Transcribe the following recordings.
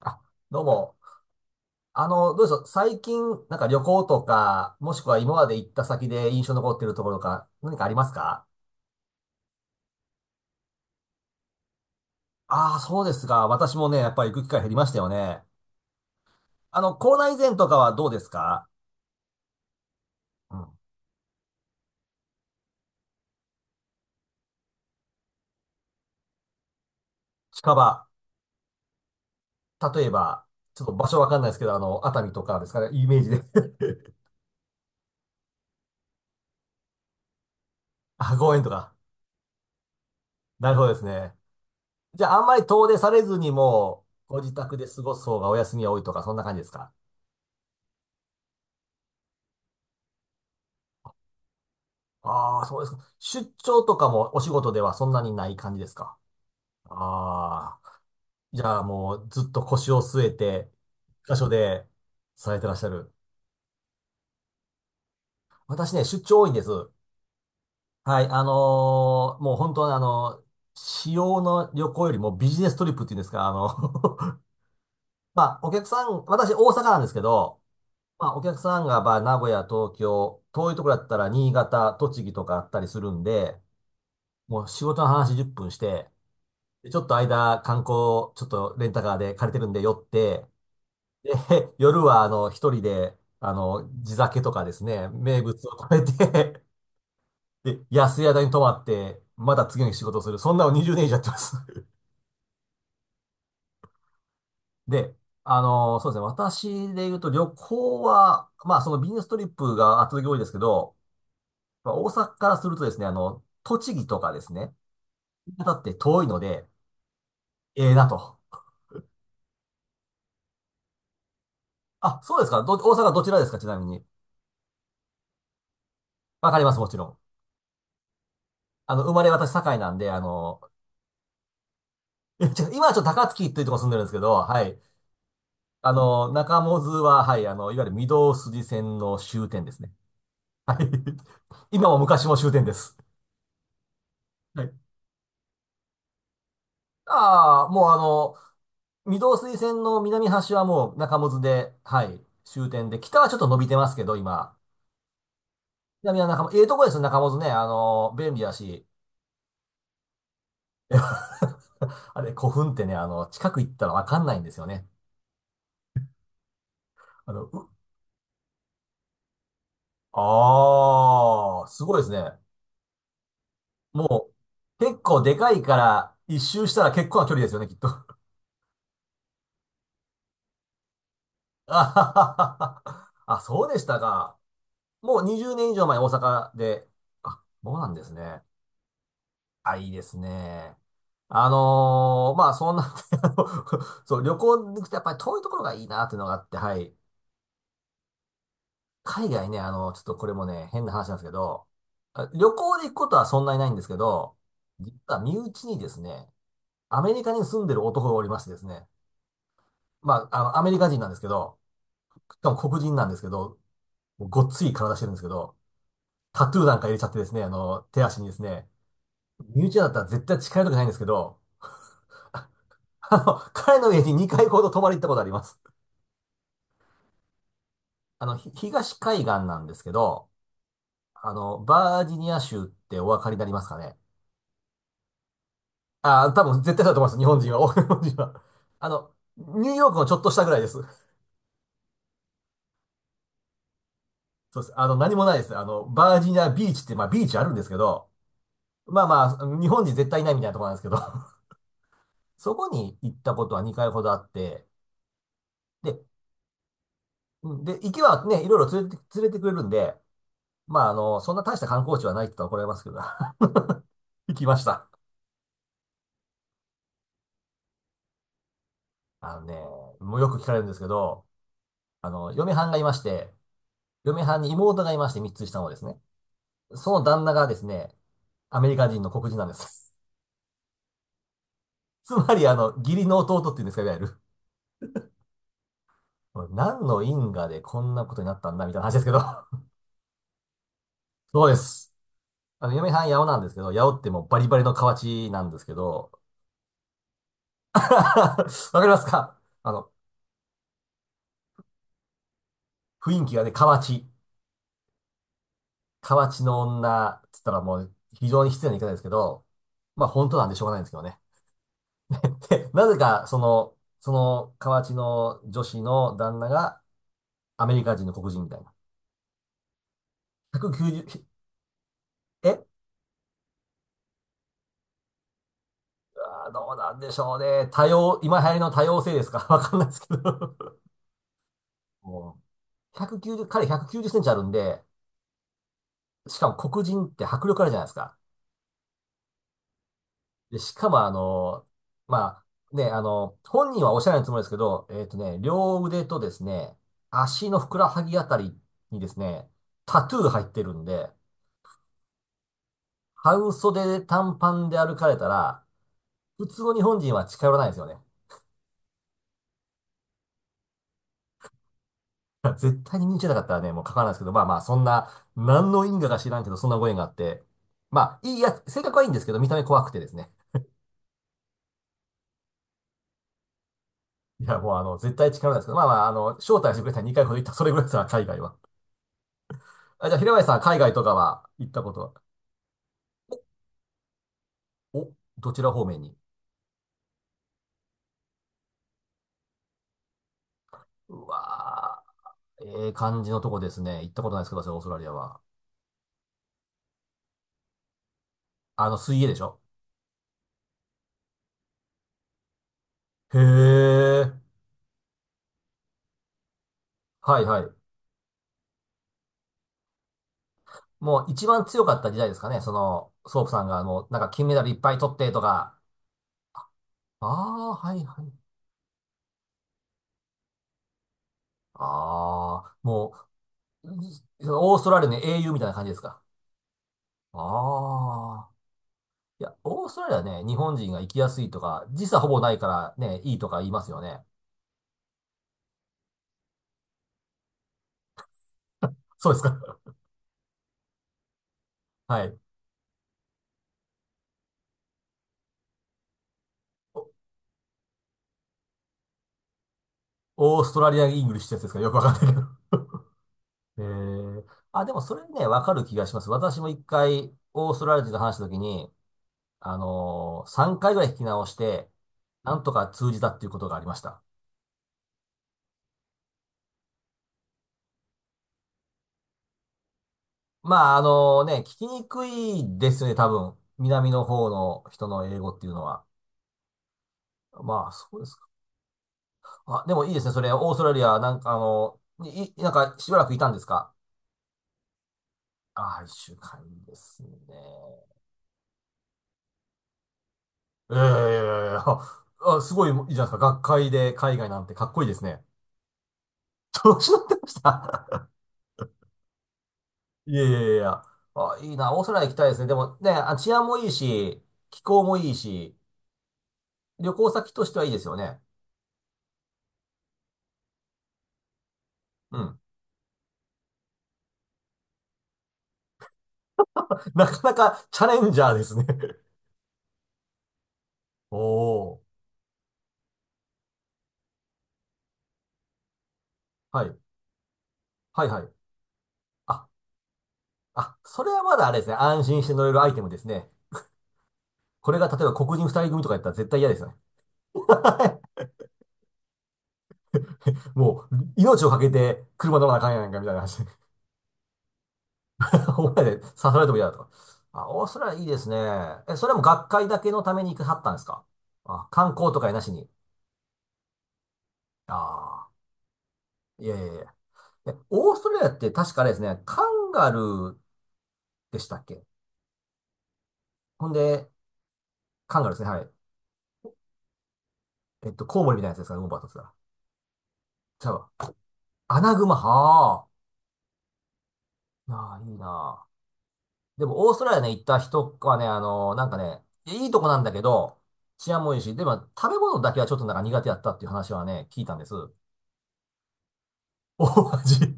あ、どうも。どうでしょう。最近、旅行とか、もしくは今まで行った先で印象残ってるところとか、何かありますか？ああー、そうですが、私もね、やっぱり行く機会減りましたよね。コロナ以前とかはどうですか？うん。近場。例えば、ちょっと場所わかんないですけど、熱海とかですかね、イメージで。 あ、公園とか。なるほどですね。じゃあ、あんまり遠出されずに、もう、ご自宅で過ごす方がお休みが多いとか、そんな感じですか？ああ、そうですか。出張とかもお仕事ではそんなにない感じですか？ああ、じゃあもうずっと腰を据えて、一箇所でされてらっしゃる。私ね、出張多いんです。はい、あのーもう本当に私用の旅行よりもビジネストリップっていうんですか、あの。 まあ、お客さん、私大阪なんですけど、まあ、お客さんが、まあ、名古屋、東京、遠いところだったら新潟、栃木とかあったりするんで、もう仕事の話10分して、でちょっと間、観光、ちょっとレンタカーで借りてるんで寄って、で、夜は、一人で、地酒とかですね、名物を食べて、で、安い宿に泊まって、また次の日仕事をする。そんなの20年以上やってます。で、そうですね、私で言うと旅行は、まあ、そのビジネストリップが圧倒的に多いですけど、まあ、大阪からするとですね、栃木とかですね、だって遠いので、ええなと。あ、そうですか。大阪どちらですか、ちなみに。わかります、もちろん。あの、生まれ私、堺なんで、あの、いやちょ今はちょっと高槻っていうところ住んでるんですけど、はい。あの、中百舌は、はい、あの、いわゆる御堂筋線の終点ですね。はい。今も昔も終点です。はい。ああ、もうあの、御堂筋線の南端はもう中百舌で、はい、終点で、北はちょっと伸びてますけど、今。南は中百舌、ええとこですよ、中百舌ね。あの、便利だし。あれ、古墳ってね、あの、近く行ったらわかんないんですよね。あの、うああ、すごいですね。も結構でかいから、一周したら結構な距離ですよね、きっと。あははははあ、そうでしたか。もう20年以上前、大阪で。あ、そうなんですね。あ、いいですね。そんな。 旅行に行くとやっぱり遠いところがいいなっていうのがあって、はい。海外ね、ちょっとこれもね、変な話なんですけど、旅行で行くことはそんなにないんですけど、実は身内にですね、アメリカに住んでる男がおりましてですね、まあ、アメリカ人なんですけど、かも黒人なんですけど、もうごっつい体してるんですけど、タトゥーなんか入れちゃってですね、手足にですね、身内だったら絶対近寄りたくないんですけど、彼の家に2回ほど泊まり行ったことあります。東海岸なんですけど、バージニア州ってお分かりになりますかね。ああ、多分絶対だと思います、日本人は。日本人は。ニューヨークのちょっとしたぐらいです。そうです。あの、何もないです。バージニアビーチって、まあビーチあるんですけど、まあまあ、日本人絶対いないみたいなところなんですけど、そこに行ったことは2回ほどあって、で、行きはね、いろいろ連れて、連れてくれるんで、まあ、そんな大した観光地はないって言ったら怒られますけど、行きました。あのね、もうよく聞かれるんですけど、嫁はんがいまして、嫁はんに妹がいまして3つ下のですね。その旦那がですね、アメリカ人の黒人なんです。つまり、義理の弟っていうんですか、いわゆる。何の因果でこんなことになったんだ、みたいな話ですけど。そうです。嫁さん、八尾なんですけど、八尾ってもうバリバリの河内なんですけど、わかりますか、あの、雰囲気がね、河内。河内の女、つったらもう非常に失礼な言い方ですけど、まあ本当なんでしょうがないんですけどね。で、なぜか、その河内の女子の旦那がアメリカ人の黒人みたいな。190、えあーどうなんでしょうね。多様、今流行りの多様性ですか？ わかんないですけど、もう、190、彼190センチあるんで、しかも黒人って迫力あるじゃないですか。で、しかもあの、ま本人はおっしゃらないつもりですけど、えっとね、両腕とですね、足のふくらはぎあたりにですね、タトゥー入ってるんで、半袖で短パンで歩かれたら、普通の日本人は近寄らないですよね。絶対に見に行けなかったらね、もう書かないですけど、まあまあ、そんな、何の因果か知らんけど、そんなご縁があって、まあ、いいやつ、性格はいいんですけど、見た目怖くてですね。いや、もうあの、絶対近寄らないですけど、まあまあ、あの、招待してくれたら2回ほど行った、それぐらいですから、海外は。あ、じゃあ、平林さん、海外とかは行ったことは、お、どちら方面に？うわー、ええ感じのとこですね。行ったことないですけど、私オーストラリアは。あの、水泳でしょ？へえ。はいはい。もう一番強かった時代ですかね。その、ソープさんがもう、なんか金メダルいっぱい取ってとか。ああ、はいはい。ああ、もう、い、オーストラリアの英雄みたいな感じですか？ああ。いや、オーストラリアね、日本人が行きやすいとか、時差ほぼないからね、いいとか言いますよね。そうですか。はい。オーストラリアン・イングリッシュってやつですか？よくわかんないけど。えー、あ、でもそれね、わかる気がします。私も一回、オーストラリア人と話したときに、あのー、3回ぐらい聞き直して、なんとか通じたっていうことがありました。まあ、あのね、聞きにくいですよね、多分。南の方の人の英語っていうのは。まあ、そうですか。あ、でもいいですね、それ、オーストラリア、なんかあの、い、いなんかしばらくいたんですか？ああー、一週間いいですね。ええ、あ、あ、すごいいいじゃないですか。学会で海外なんてかっこいいですね。調子乗ってました。いやいやいやいや。あ、いいな。オーストラリア行きたいですね。でもね、あ、治安もいいし、気候もいいし、旅行先としてはいいですよね。うん。なかなかチャレンジャーですね。おー。はい。はいはい。あ、あ、それはまだあれですね。安心して乗れるアイテムですね。これが例えば黒人二人組とかやったら絶対嫌ですよね。もう、命をかけて車乗らなあかんやんかみたいな話。どんぐらいで刺されても嫌だとか。あ、オーストラリアいいですね。え、それはもう学会だけのために行くはったんですか？あ、観光とかなしに。ああ、いやいやいや。え、オーストラリアって確かあれですね、カンガルーでしたっけ？ほんで、カンガルーですね、はい。えっと、コウモリみたいなやつですかね、ウォンバットとつが。じゃうわアナグマ、はあ。ああ、いいなあ。でも、オーストラリアね、行った人はね、あのなんかね、いいとこなんだけど、治安もいいし、でも、食べ物だけはちょっとなんか苦手やったっていう話はね、聞いたんです。大味。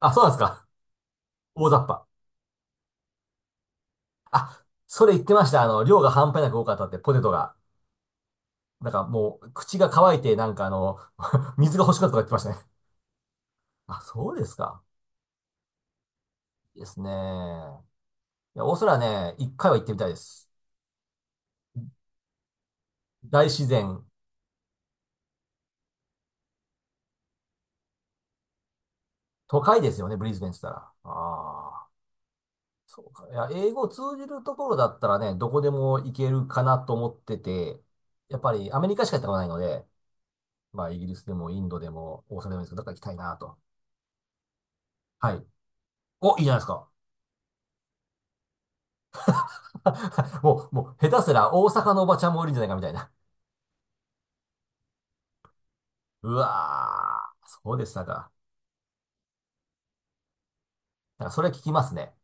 あ、そうなんですか。大雑把。あ、それ言ってました。あの、量が半端なく多かったって、ポテトが。なんかもう、口が乾いて、なんかあの、水が欲しかったとか言ってましたね。あ、そうですか。いいですね。いや、オーストラリアね、一回は行ってみたいです。大自然、都会ですよね、ブリズベンって言ったら。ああ、そうか。いや、英語通じるところだったらね、どこでも行けるかなと思ってて、やっぱりアメリカしか行ったことないので、まあ、イギリスでもインドでもオーストラリアでもいいですけど、どっか行きたいなと。はい。お、いいじゃないですか。もう、もう、下手すら大阪のおばちゃんもいるんじゃないかみたいな。うわー、そうでしたか。なんかそれ聞きますね。